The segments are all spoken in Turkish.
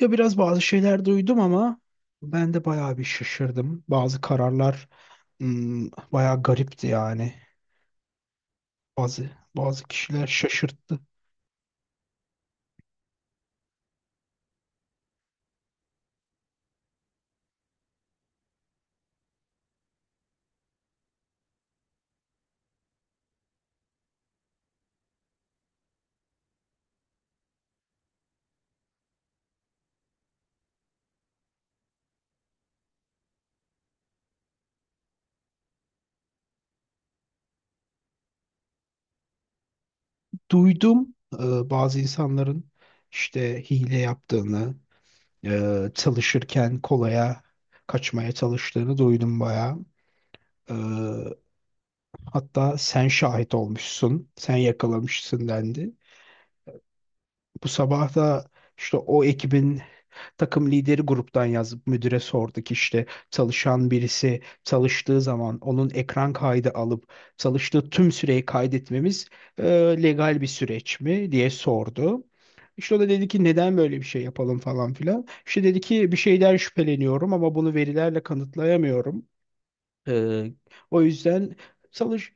Ya biraz bazı şeyler duydum ama ben de bayağı bir şaşırdım. Bazı kararlar bayağı garipti yani. Bazı bazı kişiler şaşırttı. Duydum bazı insanların işte hile yaptığını, çalışırken kolaya kaçmaya çalıştığını duydum bayağı. E, Hatta sen şahit olmuşsun, sen yakalamışsın dendi. Bu sabah da işte o ekibin takım lideri gruptan yazıp müdüre sorduk, işte çalışan birisi çalıştığı zaman onun ekran kaydı alıp çalıştığı tüm süreyi kaydetmemiz e, legal bir süreç mi diye sordu. İşte o da dedi ki neden böyle bir şey yapalım falan filan. İşte dedi ki bir şeyden şüpheleniyorum ama bunu verilerle kanıtlayamıyorum. Ee, O yüzden çalış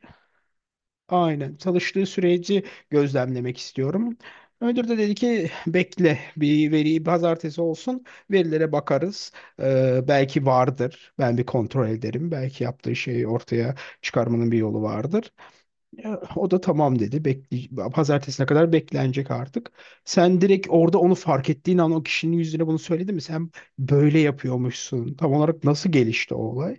Aynen. Çalıştığı süreci gözlemlemek istiyorum. Müdür de dedi ki bekle, bir veriyi pazartesi olsun, verilere bakarız. Belki vardır. Ben bir kontrol ederim. Belki yaptığı şeyi ortaya çıkarmanın bir yolu vardır. Ya, o da tamam dedi. Bekle, pazartesine kadar beklenecek artık. Sen direkt orada onu fark ettiğin an o kişinin yüzüne bunu söyledi mi? Sen böyle yapıyormuşsun. Tam olarak nasıl gelişti o olay?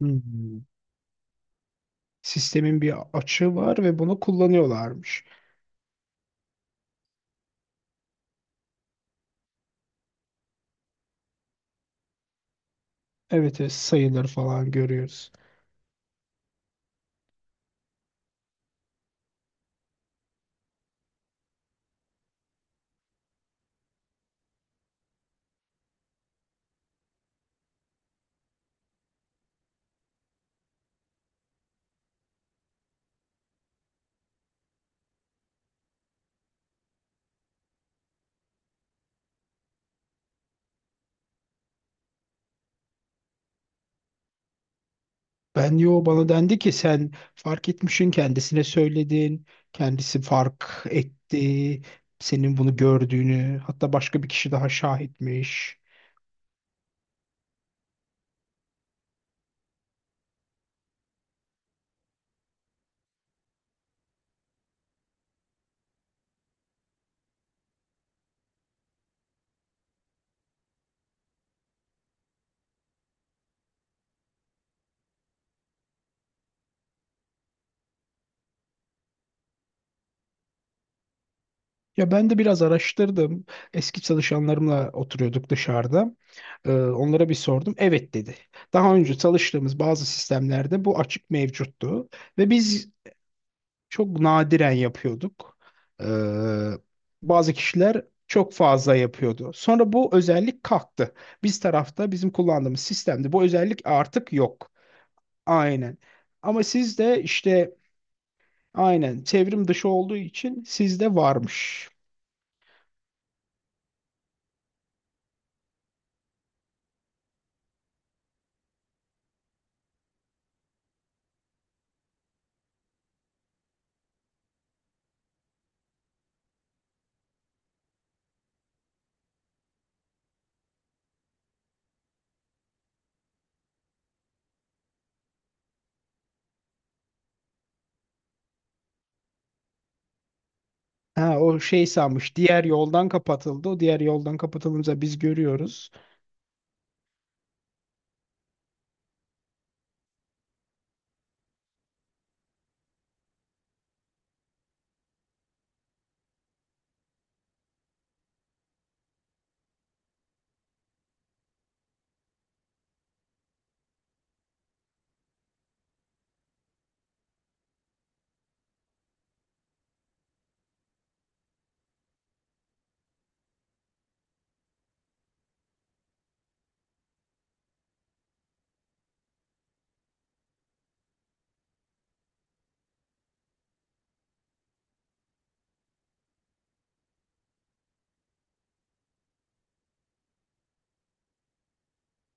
Hmm. Sistemin bir açığı var ve bunu kullanıyorlarmış. Evet, evet, sayıları falan görüyoruz. Ben yo, bana dendi ki sen fark etmişsin, kendisine söyledin. Kendisi fark etti. Senin bunu gördüğünü hatta başka bir kişi daha şahitmiş. Ya ben de biraz araştırdım. Eski çalışanlarımla oturuyorduk dışarıda. Onlara bir sordum. Evet dedi. Daha önce çalıştığımız bazı sistemlerde bu açık mevcuttu. Ve biz çok nadiren yapıyorduk. Ee, Bazı kişiler çok fazla yapıyordu. Sonra bu özellik kalktı. Biz tarafta bizim kullandığımız sistemde bu özellik artık yok. Aynen. Ama sizde işte aynen çevrim dışı olduğu için sizde varmış. Ha, o şey sanmış. Diğer yoldan kapatıldı. O diğer yoldan kapatılınca biz görüyoruz.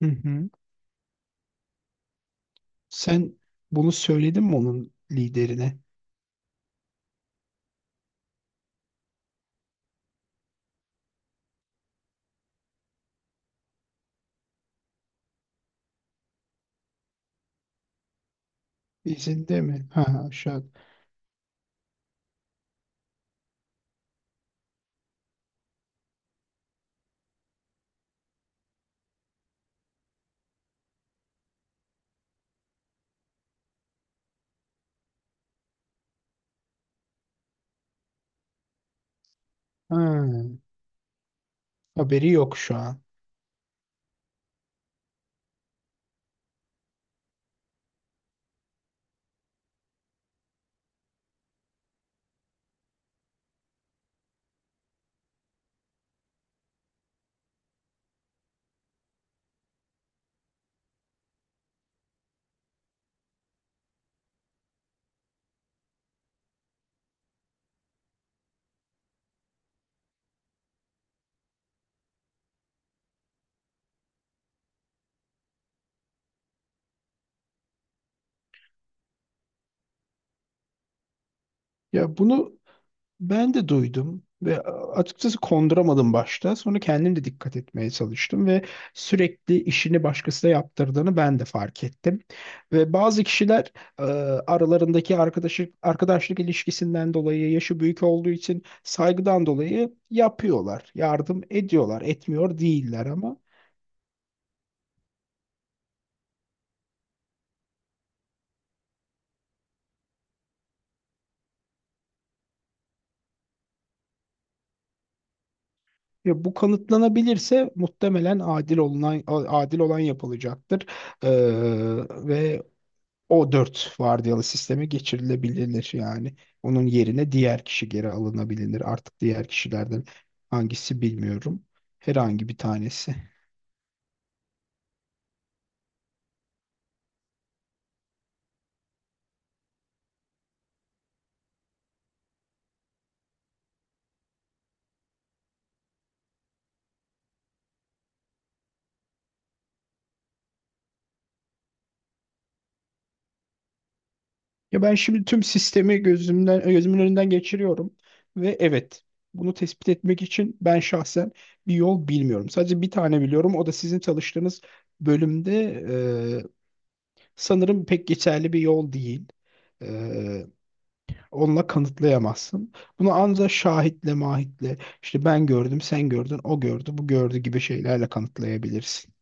Hı hı. Sen bunu söyledin mi onun liderine? İzinde mi? Ha, şu an. Ha, haberi yok şu an. Ya bunu ben de duydum ve açıkçası konduramadım başta. Sonra kendim de dikkat etmeye çalıştım ve sürekli işini başkasına yaptırdığını ben de fark ettim. Ve bazı kişiler e, aralarındaki arkadaşlık ilişkisinden dolayı, yaşı büyük olduğu için saygıdan dolayı yapıyorlar, yardım ediyorlar, etmiyor değiller ama ya, bu kanıtlanabilirse muhtemelen adil olunan adil olan yapılacaktır. Ee, Ve o dört vardiyalı sisteme geçirilebilir yani. Onun yerine diğer kişi geri alınabilir. Artık diğer kişilerden hangisi bilmiyorum. Herhangi bir tanesi. Ya ben şimdi tüm sistemi gözümün önünden geçiriyorum ve evet, bunu tespit etmek için ben şahsen bir yol bilmiyorum. Sadece bir tane biliyorum. O da sizin çalıştığınız bölümde e, sanırım pek geçerli bir yol değil. E, Onunla kanıtlayamazsın. Bunu ancak şahitle, mahitle, işte ben gördüm, sen gördün, o gördü, bu gördü gibi şeylerle kanıtlayabilirsin.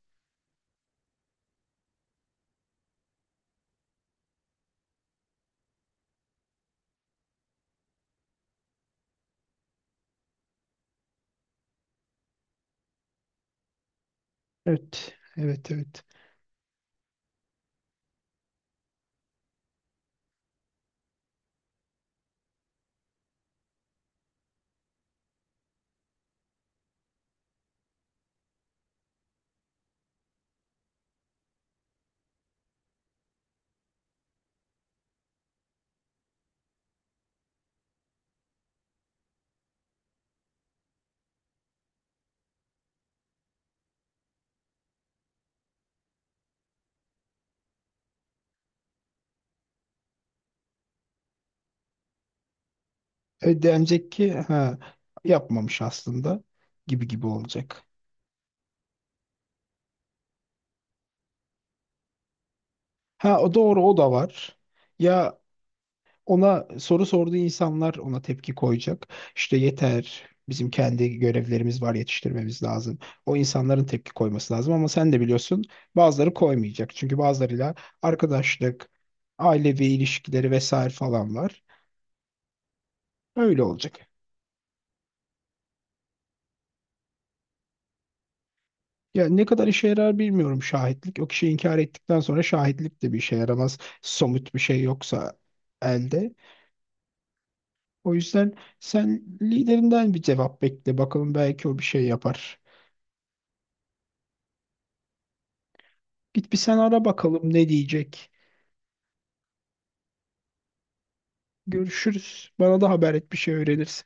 Evet, evet, evet. Denecek ki ha, yapmamış aslında gibi gibi olacak. Ha, o doğru, o da var. Ya, ona soru sorduğu insanlar ona tepki koyacak. İşte yeter, bizim kendi görevlerimiz var, yetiştirmemiz lazım. O insanların tepki koyması lazım ama sen de biliyorsun, bazıları koymayacak. Çünkü bazılarıyla arkadaşlık, ailevi ilişkileri vesaire falan var. Öyle olacak. Ya ne kadar işe yarar bilmiyorum şahitlik. O kişi inkar ettikten sonra şahitlik de bir işe yaramaz. Somut bir şey yoksa elde. O yüzden sen liderinden bir cevap bekle. Bakalım, belki o bir şey yapar. Git bir sen ara bakalım ne diyecek. Görüşürüz. Bana da haber et bir şey öğrenirsen.